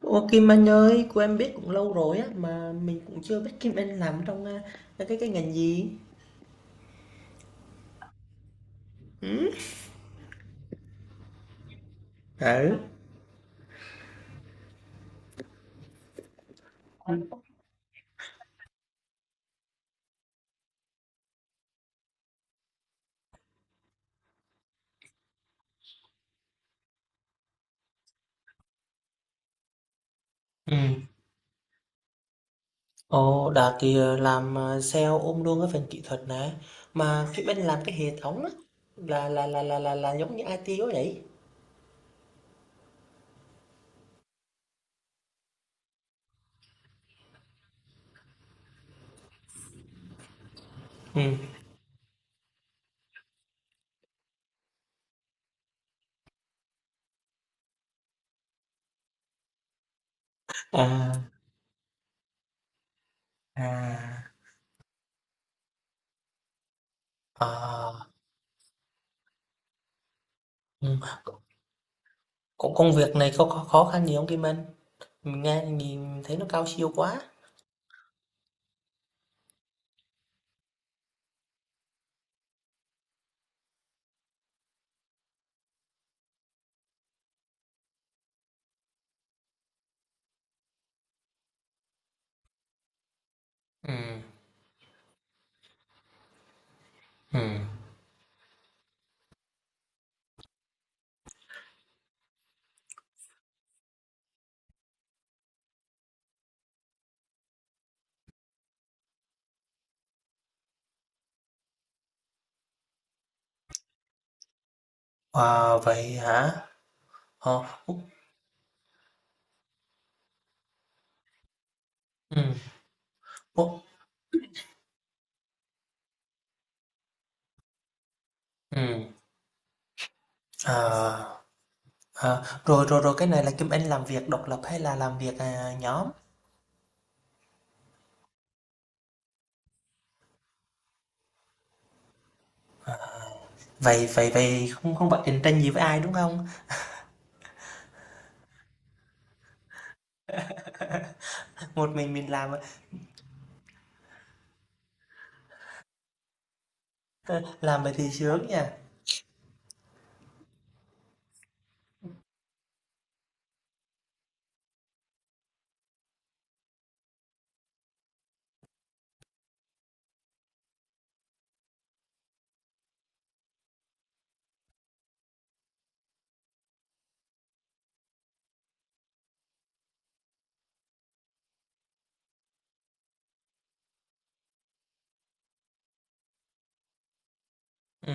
Ô Kim Anh ơi, cô em biết cũng lâu rồi á mà mình cũng chưa biết Kim Anh làm trong cái ngành gì. Ừ. Ừ. Ồ, Đạt thì làm sale ôm luôn cái phần kỹ thuật này. Mà Kim Anh làm cái hệ thống á, là giống như IT quá vậy. Ừ. À à à ừ. Cũng công việc này có khó khăn gì không Kim Anh? Mình nghe nhìn thấy nó cao siêu quá. Ừ. Ừ. À, vậy hả? Ờ. Ừ. Ừ. Ừ. Ờ, Rồi, rồi, rồi, cái này là Kim Anh làm việc độc lập hay là làm việc, nhóm? Vậy vậy vậy không không phải cạnh tranh gì với ai, đúng không? Một mình làm. Làm vậy thì sướng nhỉ? Ừ.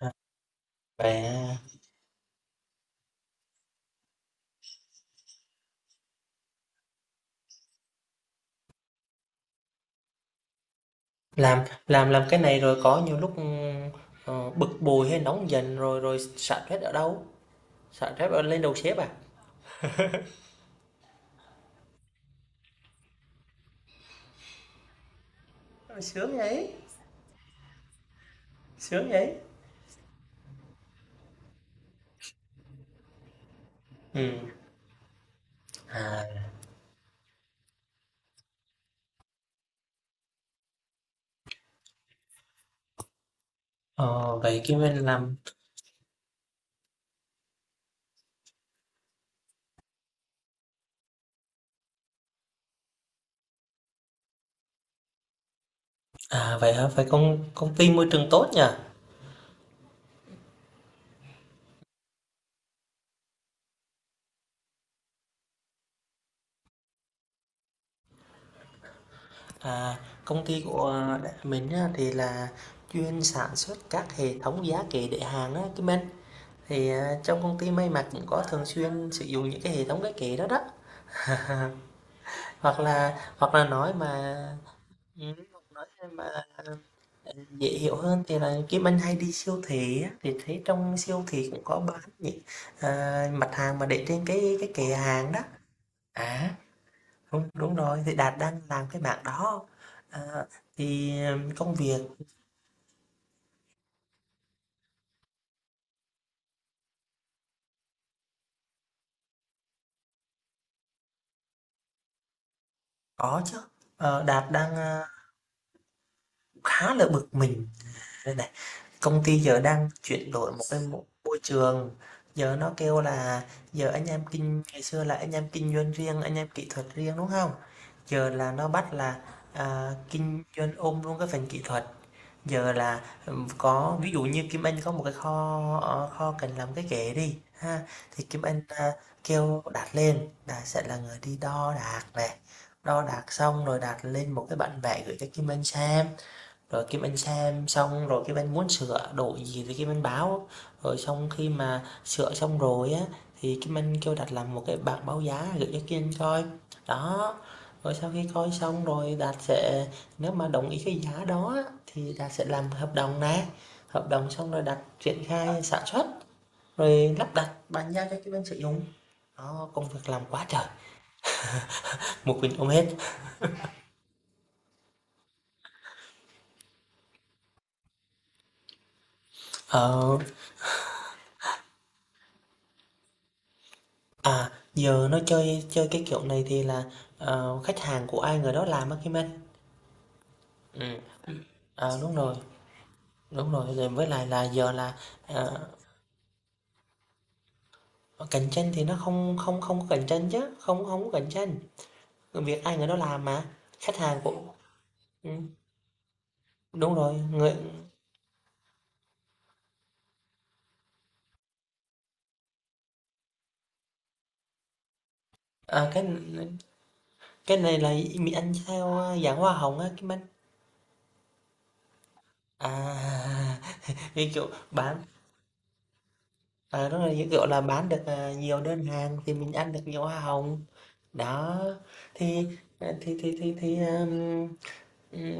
à, Vậy, làm cái này rồi có nhiều lúc, bực bội hay nóng giận rồi rồi xả stress ở đâu? Xả stress ở lên đầu sếp à? Ờ, Sướng vậy, sướng vậy! Ừ. à, ờ, Vậy Kim Anh làm. Vậy hả? Vậy công công ty môi trường tốt nhỉ? À, công ty của mình á, thì là chuyên sản xuất các hệ thống giá kệ để hàng á, Kim Anh. Thì trong công ty may mặc cũng có thường xuyên sử dụng những cái hệ thống cái kệ đó đó. Hoặc là nói mà ừ, hoặc nói mà dễ hiểu hơn thì là Kim Anh hay đi siêu thị á, thì thấy trong siêu thị cũng có bán những mặt hàng mà để trên cái kệ hàng đó. À, đúng đúng rồi, thì Đạt đang làm cái mảng đó. À, thì công việc. Có chứ, Đạt đang khá là bực mình đây này. Công ty giờ đang chuyển đổi một cái môi trường, giờ nó kêu là giờ anh em kinh ngày xưa là anh em kinh doanh riêng, anh em kỹ thuật riêng, đúng không? Giờ là nó bắt là kinh doanh ôm luôn cái phần kỹ thuật. Giờ là có ví dụ như Kim Anh có một cái kho cần làm cái ghế đi ha, thì Kim Anh kêu Đạt lên. Đạt sẽ là người đi đo đạc này, đo đạc xong rồi Đạt lên một cái bản vẽ gửi cho Kim Anh xem, rồi Kim Anh xem xong rồi Kim Anh muốn sửa đổi gì thì Kim Anh báo. Rồi xong khi mà sửa xong rồi á thì Kim Anh kêu Đạt làm một cái bảng báo giá gửi cho Kim Anh coi. Đó, rồi sau khi coi xong rồi Đạt sẽ, nếu mà đồng ý cái giá đó thì Đạt sẽ làm hợp đồng nè. Hợp đồng xong rồi Đạt triển khai sản xuất, rồi lắp đặt bàn giao cho Kim Anh sử dụng. Đó, công việc làm quá trời, một mình ôm hết. Ờ. À, giờ nó chơi chơi cái kiểu này thì là khách hàng của ai người đó làm á Kim Anh. Ừ, đúng rồi, đúng rồi. Rồi với lại là giờ là ờ, cạnh tranh thì nó không không không có cạnh tranh chứ, không không có cạnh tranh. Việc ai người đó làm mà khách hàng của ừ, đúng rồi người à, cái cái này là mình ăn theo dạng hoa hồng á Kim Anh. À, như kiểu bán. Đúng rồi, như kiểu là bán được nhiều đơn hàng thì mình ăn được nhiều hoa hồng. Đó, thì, à, thì thì,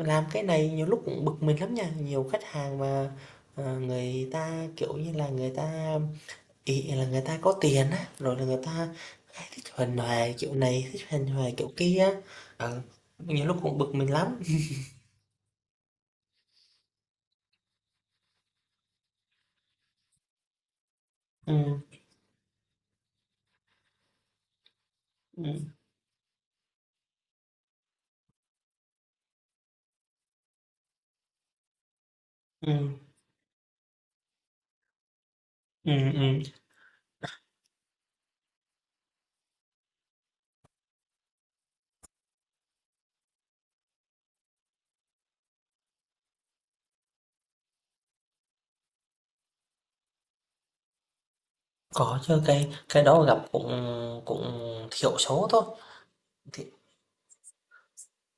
làm cái này nhiều lúc cũng bực mình lắm nha. Nhiều khách hàng mà người ta, kiểu như là, người ta ỷ là người ta có tiền á, rồi là người ta hay thích huề hoài kiểu này, thích huề hoài kiểu kia á. Ờ, Nhiều lúc cũng bực mình lắm. Ừm, ừm, ừm, ừm, ừm. Có chứ, cái đó gặp cũng cũng thiểu số thôi.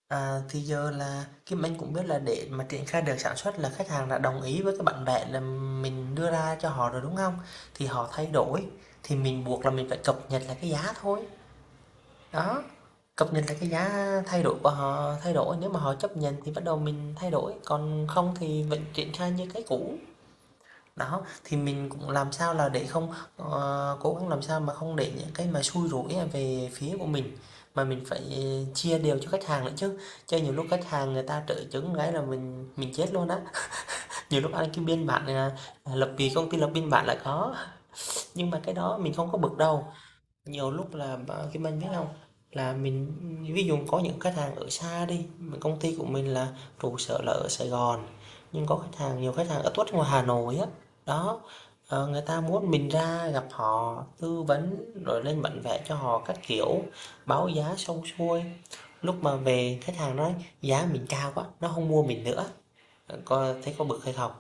À, thì giờ là Kim Anh cũng biết là để mà triển khai được sản xuất là khách hàng đã đồng ý với cái bản vẽ là mình đưa ra cho họ rồi, đúng không? Thì họ thay đổi, thì mình buộc là mình phải cập nhật lại cái giá thôi. Đó, cập nhật lại cái giá, thay đổi của họ thay đổi, nếu mà họ chấp nhận thì bắt đầu mình thay đổi, còn không thì vẫn triển khai như cái cũ. Đó, thì mình cũng làm sao là để không, cố gắng làm sao mà không để những cái mà xui rủi về phía của mình, mà mình phải chia đều cho khách hàng nữa chứ. Chứ nhiều lúc khách hàng người ta trợ chứng cái là mình chết luôn á. Nhiều lúc ăn cái biên bản, lập, vì công ty lập biên bản là có, nhưng mà cái đó mình không có bực đâu. Nhiều lúc là Kim Anh biết không, là mình ví dụ có những khách hàng ở xa đi, công ty của mình là trụ sở là ở Sài Gòn, nhưng có khách hàng nhiều khách hàng ở tuốt ngoài Hà Nội á. Đó, người ta muốn mình ra gặp họ tư vấn rồi lên bản vẽ cho họ các kiểu, báo giá xong xuôi, lúc mà về khách hàng nói giá mình cao quá nó không mua mình nữa, có thấy có bực hay không?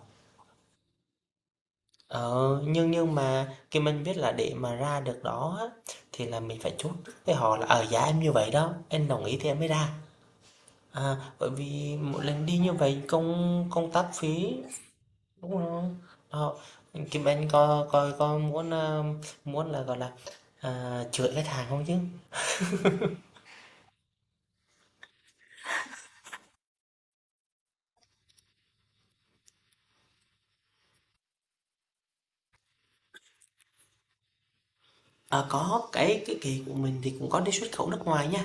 Nhưng mà khi mình biết là để mà ra được đó á, thì là mình phải chốt với họ là ở giá em như vậy đó, em đồng ý thì em mới ra, bởi vì mỗi lần đi như vậy công công tác phí, đúng không? Đó. Kim Anh có coi có muốn là gọi là chửi khách hàng không chứ? Có cái kỳ của mình thì cũng có đi xuất khẩu nước ngoài nha,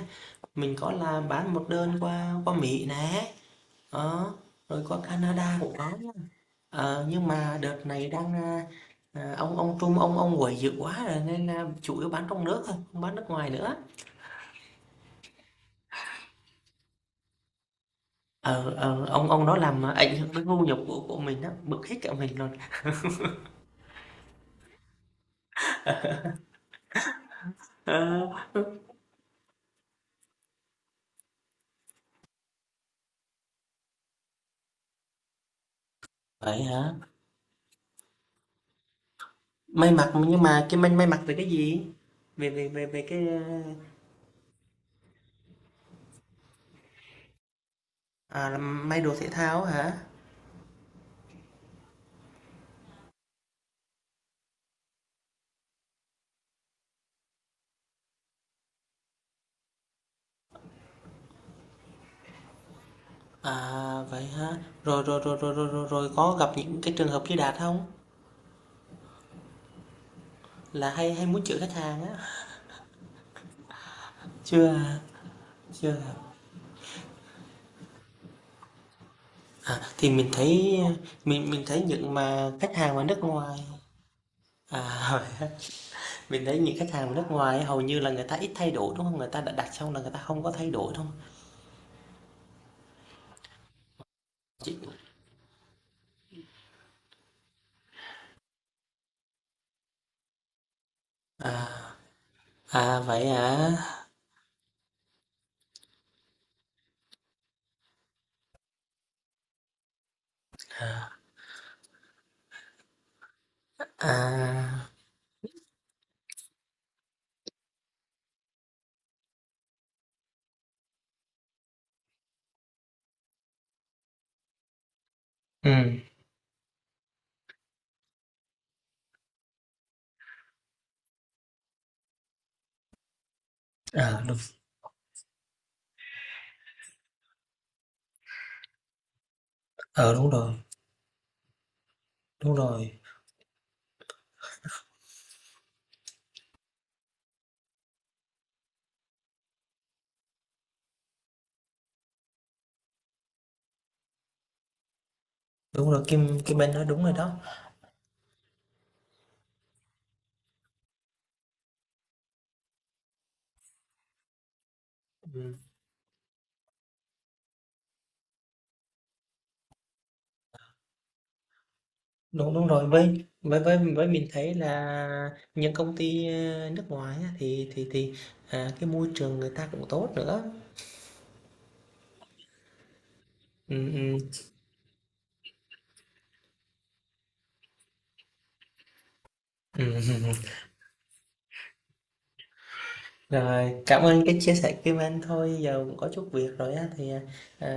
mình có là bán một đơn qua qua Mỹ nè. Ờ, rồi qua Canada cũng có. Nhưng mà đợt này đang, ông Trung ông quậy dữ quá rồi nên là chủ yếu bán trong nước thôi, không bán nước ngoài nữa. Ờ, ông đó làm ảnh hưởng đến thu nhập của mình, đó bực hết cả mình luôn. Ờ, Vậy hả? May mặc nhưng mà cái may mặc về cái gì? Về về về về cái làm may đồ thể thao hả? Vậy hả? Rồi, có gặp những cái trường hợp như Đạt không, là hay hay muốn chửi khách hàng á? Chưa à, chưa À, thì mình thấy những mà khách hàng ở nước ngoài hỏi. Mình thấy những khách hàng ở nước ngoài hầu như là người ta ít thay đổi, đúng không? Người ta đã đặt xong là người ta không có thay đổi, đúng không? Chị, à, vậy hả? À, ừ, đúng, ờ đúng rồi, đúng rồi, đúng rồi. Kim Kim Anh nói đúng rồi đó. Ừ, đúng đúng rồi. Với mình thấy là những công ty nước ngoài á, thì cái môi trường người ta cũng tốt nữa. Ừ, ừ, ừ. Rồi, cảm ơn cái chia sẻ Kim Anh, thôi giờ cũng có chút việc rồi á thì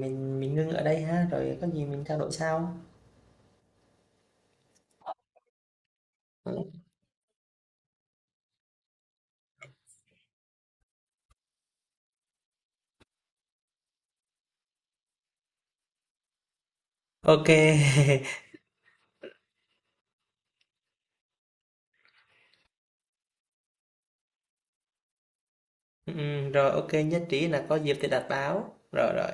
mình ngưng ở đây ha, rồi có gì mình trao đổi sau. Ừ. Ok. Ừ, rồi ok nhất trí là có dịp thì đặt báo. Rồi rồi.